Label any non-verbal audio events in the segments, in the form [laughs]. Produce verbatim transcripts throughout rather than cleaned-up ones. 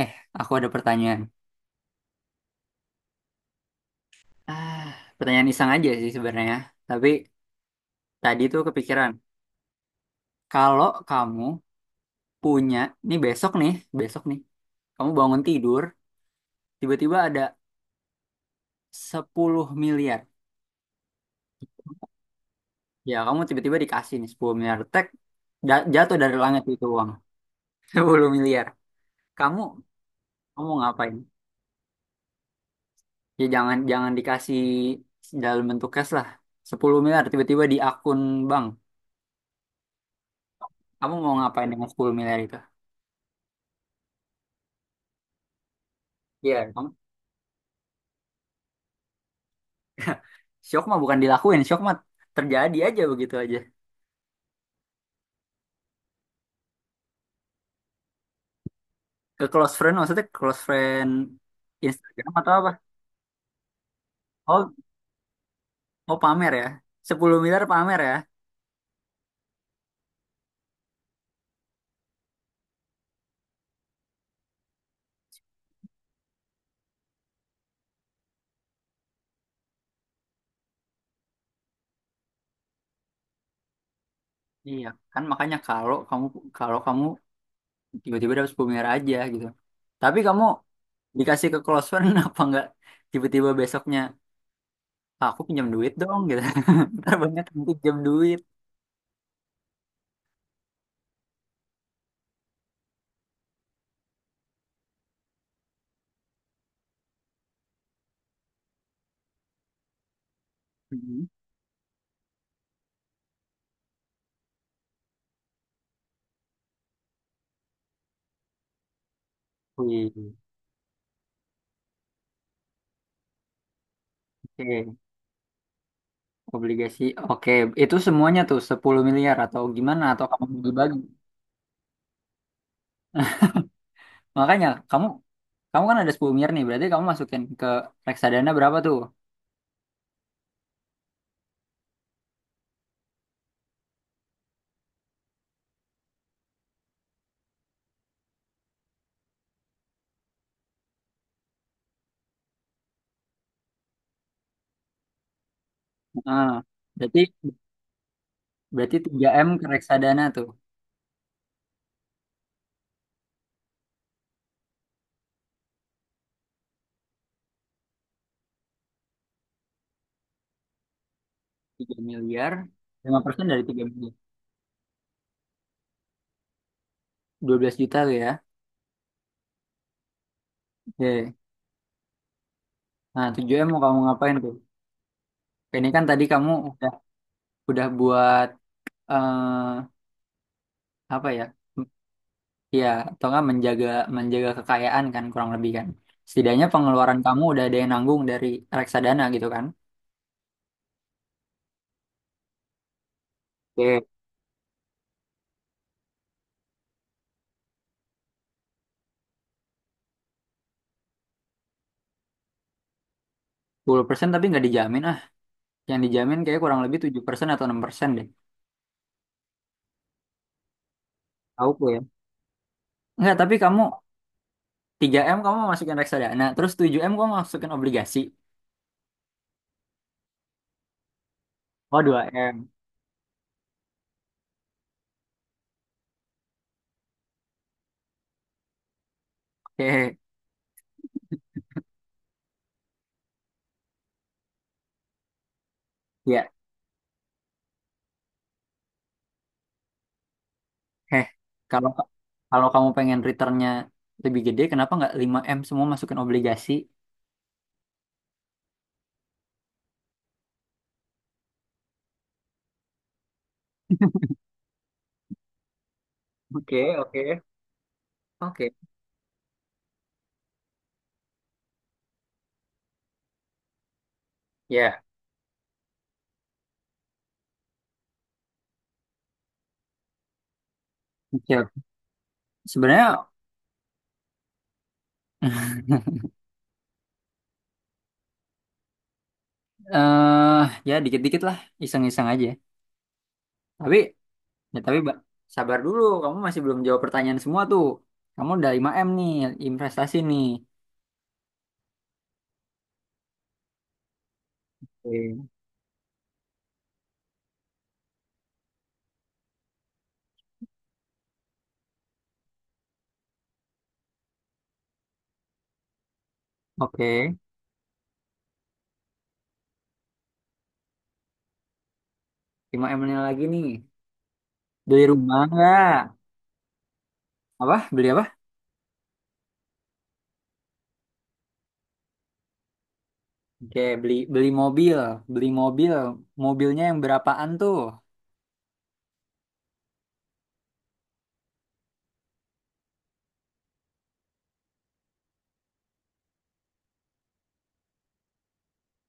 Eh, aku ada pertanyaan. Ah, pertanyaan iseng aja sih sebenarnya. Tapi tadi tuh kepikiran, kalau kamu punya, nih besok nih, besok nih, kamu bangun tidur, tiba-tiba ada sepuluh miliar. Ya, kamu tiba-tiba dikasih nih sepuluh miliar. Tek, da- jatuh dari langit itu uang. [laughs] sepuluh miliar. Kamu, kamu ngapain? Ya jangan jangan dikasih dalam bentuk cash lah. Sepuluh miliar tiba-tiba di akun bank. Kamu mau ngapain dengan sepuluh miliar itu? Iya. Syok mah bukan dilakuin, syok mah terjadi aja begitu aja. Ke close friend maksudnya close friend Instagram atau apa? Oh, oh pamer ya. Sepuluh miliar pamer ya. Iya, kan makanya kalau kamu kalau kamu tiba-tiba dapat sepuluh miliar aja gitu. Tapi kamu dikasih ke close friend [laughs] apa enggak tiba-tiba besoknya, "Ah, aku pinjam duit dong gitu." [laughs] Ntar banyak yang pinjam duit. Mhm. Wih, oke, obligasi. Oke, itu semuanya tuh sepuluh miliar atau gimana atau kamu bagi-bagi. Makanya kamu Kamu kan ada sepuluh miliar nih, berarti kamu masukin ke reksadana berapa tuh? Ah berarti berarti tiga m ke reksadana tuh. tiga miliar, lima persen dari tiga miliar. Dua belas juta tuh ya. Oke. Nah, tujuh m mau kamu ngapain tuh? Ini kan tadi kamu udah udah buat, eh apa ya? Ya, atau nggak menjaga menjaga kekayaan kan kurang lebih kan. Setidaknya pengeluaran kamu udah ada yang nanggung dari reksadana gitu kan. Oke. Sepuluh persen tapi nggak dijamin ah. Yang dijamin kayak kurang lebih tujuh persen atau enam persen deh. Auko ya. Enggak, tapi kamu tiga m kamu masukin reksadana, nah, terus tujuh m kamu masukin obligasi. Oh, dua m. Oke. Ya. Heh. Kalau kalau kamu pengen returnnya lebih gede, kenapa nggak lima m semua masukin obligasi? Oke, oke. Oke. Ya. Oke. Sebenarnya, eh ya dikit-dikit lah, iseng-iseng aja. Tapi ya tapi Mbak, sabar dulu, kamu masih belum jawab pertanyaan semua tuh. Kamu udah lima m nih, investasi nih. Oke. Oke. lima m ini lagi nih. Beli rumah nggak? Apa? Beli apa? Oke, beli beli mobil, beli mobil. Mobilnya yang berapaan tuh?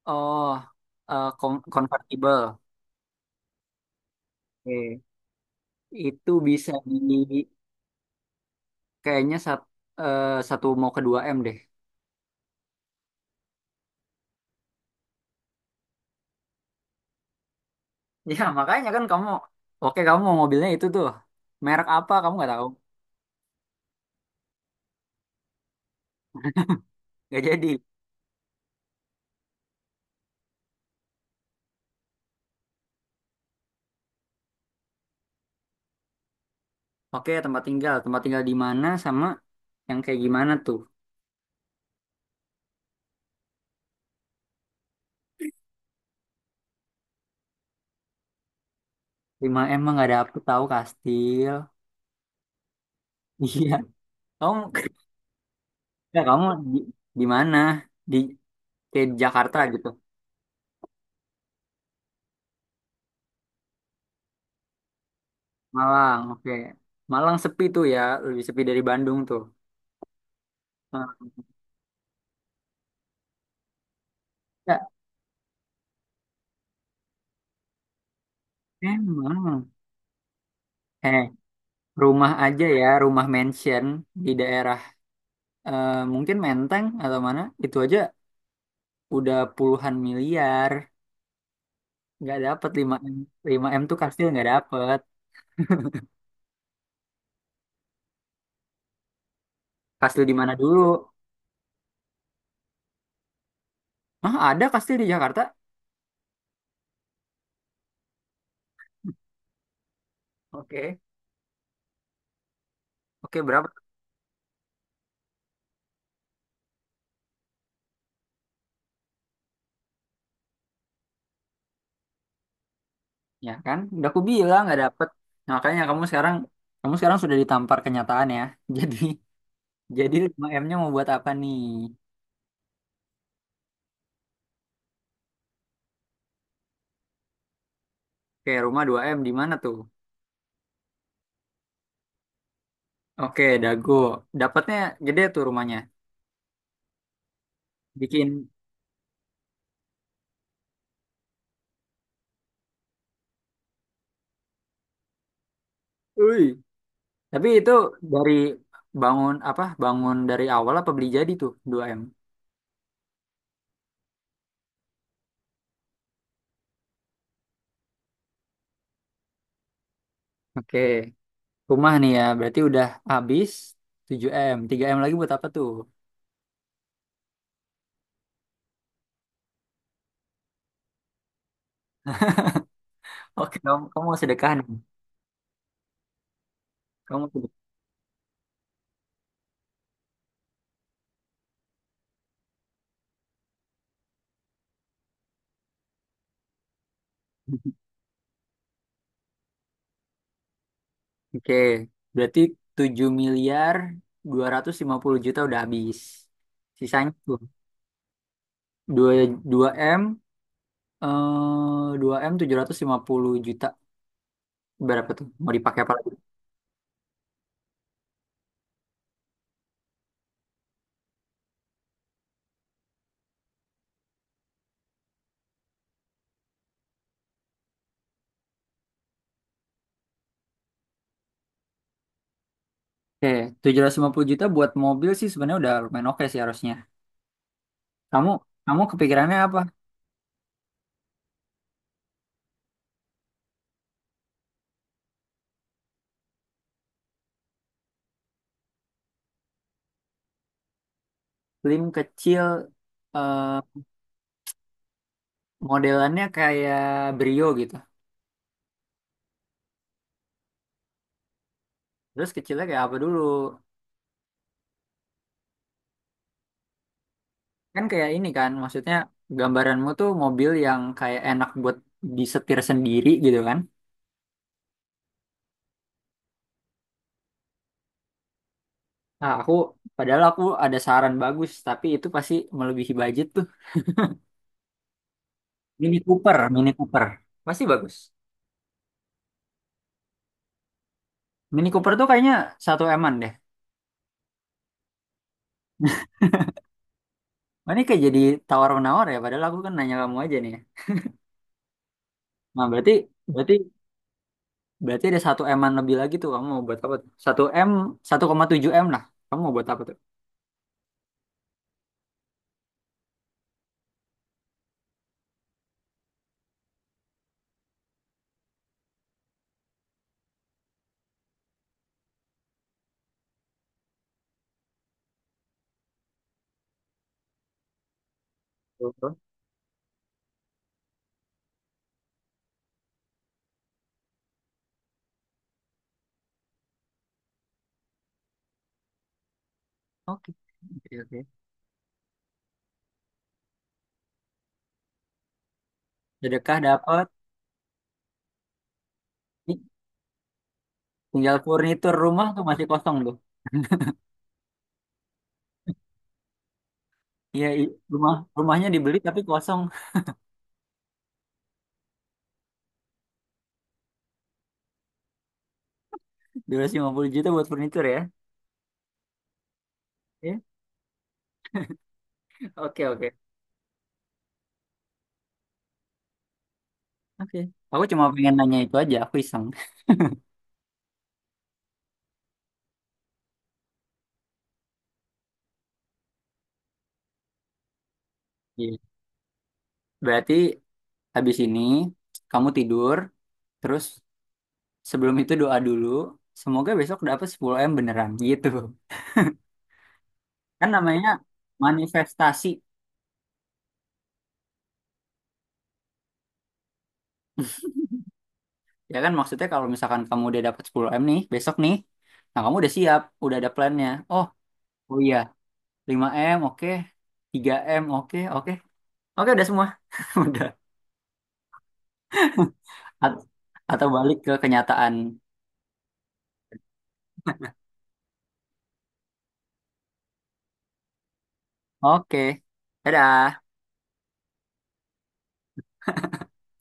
Oh, eh, con- convertible. Oke. Itu bisa di kayaknya sat, eh, satu mau ke dua m deh. [laughs] Ya, makanya kan kamu. Oke, kamu mau mobilnya itu tuh. Merek apa kamu nggak tahu? Nggak jadi. Oke, tempat tinggal. Tempat tinggal di mana sama yang kayak gimana tuh? Lima m mah nggak dapet tahu kastil. [laughs] Iya. Kamu. Ya, kamu di, di mana? Di Kayak di Jakarta gitu. Malang, oke. Malang sepi tuh ya, lebih sepi dari Bandung tuh. Nah, ya, emang. Eh, rumah aja ya, rumah mansion di daerah, eh, mungkin Menteng atau mana, itu aja udah puluhan miliar. Nggak dapet lima m. lima m tuh kastil nggak dapet. Kastil di mana dulu? Ah, ada kastil di Jakarta? Oke. Oke, berapa? Ya kan? Udah aku bilang nggak dapet. Nah, makanya kamu sekarang kamu sekarang sudah ditampar kenyataan ya. [laughs] Jadi jadi lima m-nya mau buat apa nih? Oke, rumah dua m di mana tuh? Oke, Dago. Dapatnya gede tuh rumahnya. Bikin Ui. Tapi itu dari bangun apa? Bangun dari awal apa beli jadi tuh dua m. Oke. Rumah nih ya, berarti udah habis tujuh m. Tiga m lagi buat apa tuh? Oke, kamu, kamu mau sedekah nih. Kamu mau sedekah. Oke, berarti tujuh miliar dua ratus lima puluh juta udah habis. Sisanya tuh dua dua m eh dua m puluh juta. Berapa tuh? Mau dipakai apa lagi? Oke, tujuh ratus lima puluh juta buat mobil sih sebenarnya udah lumayan oke sih harusnya. Kamu kamu kepikirannya apa? Slim kecil, eh modelannya kayak Brio gitu. Terus kecilnya kayak apa dulu? Kan kayak ini kan, maksudnya gambaranmu tuh mobil yang kayak enak buat disetir sendiri gitu kan. Nah, aku padahal aku ada saran bagus, tapi itu pasti melebihi budget tuh. Mini Cooper, Mini Cooper. Pasti bagus. Mini Cooper tuh kayaknya satu eman deh. Wah, ini kayak jadi tawar-menawar ya, padahal aku kan nanya kamu aja nih. Nah, berarti berarti berarti ada satu eman lebih lagi tuh kamu mau buat apa tuh? Satu M, satu koma tujuh M lah. Kamu mau buat apa tuh? Oke. Oke, oke. Sedekah dapat. Tinggal furnitur rumah tuh masih kosong tuh. Iya, i- rumah rumahnya dibeli tapi kosong. [laughs] Dua ratus lima puluh juta buat furnitur ya. Ya, oke, oke. Oke. Aku cuma pengen nanya itu aja, aku iseng. Iya. Berarti habis ini kamu tidur, terus sebelum itu doa dulu, semoga besok dapat sepuluh m beneran [laughs] gitu. Kan namanya manifestasi. Ya kan maksudnya kalau misalkan kamu udah dapat sepuluh m nih, besok nih, nah kamu udah siap, udah ada plannya. Oh, oh iya, lima m oke, tiga m oke, oke. Oke, udah semua. [laughs] Udah. At- atau balik ke kenyataan. Oke. Dadah.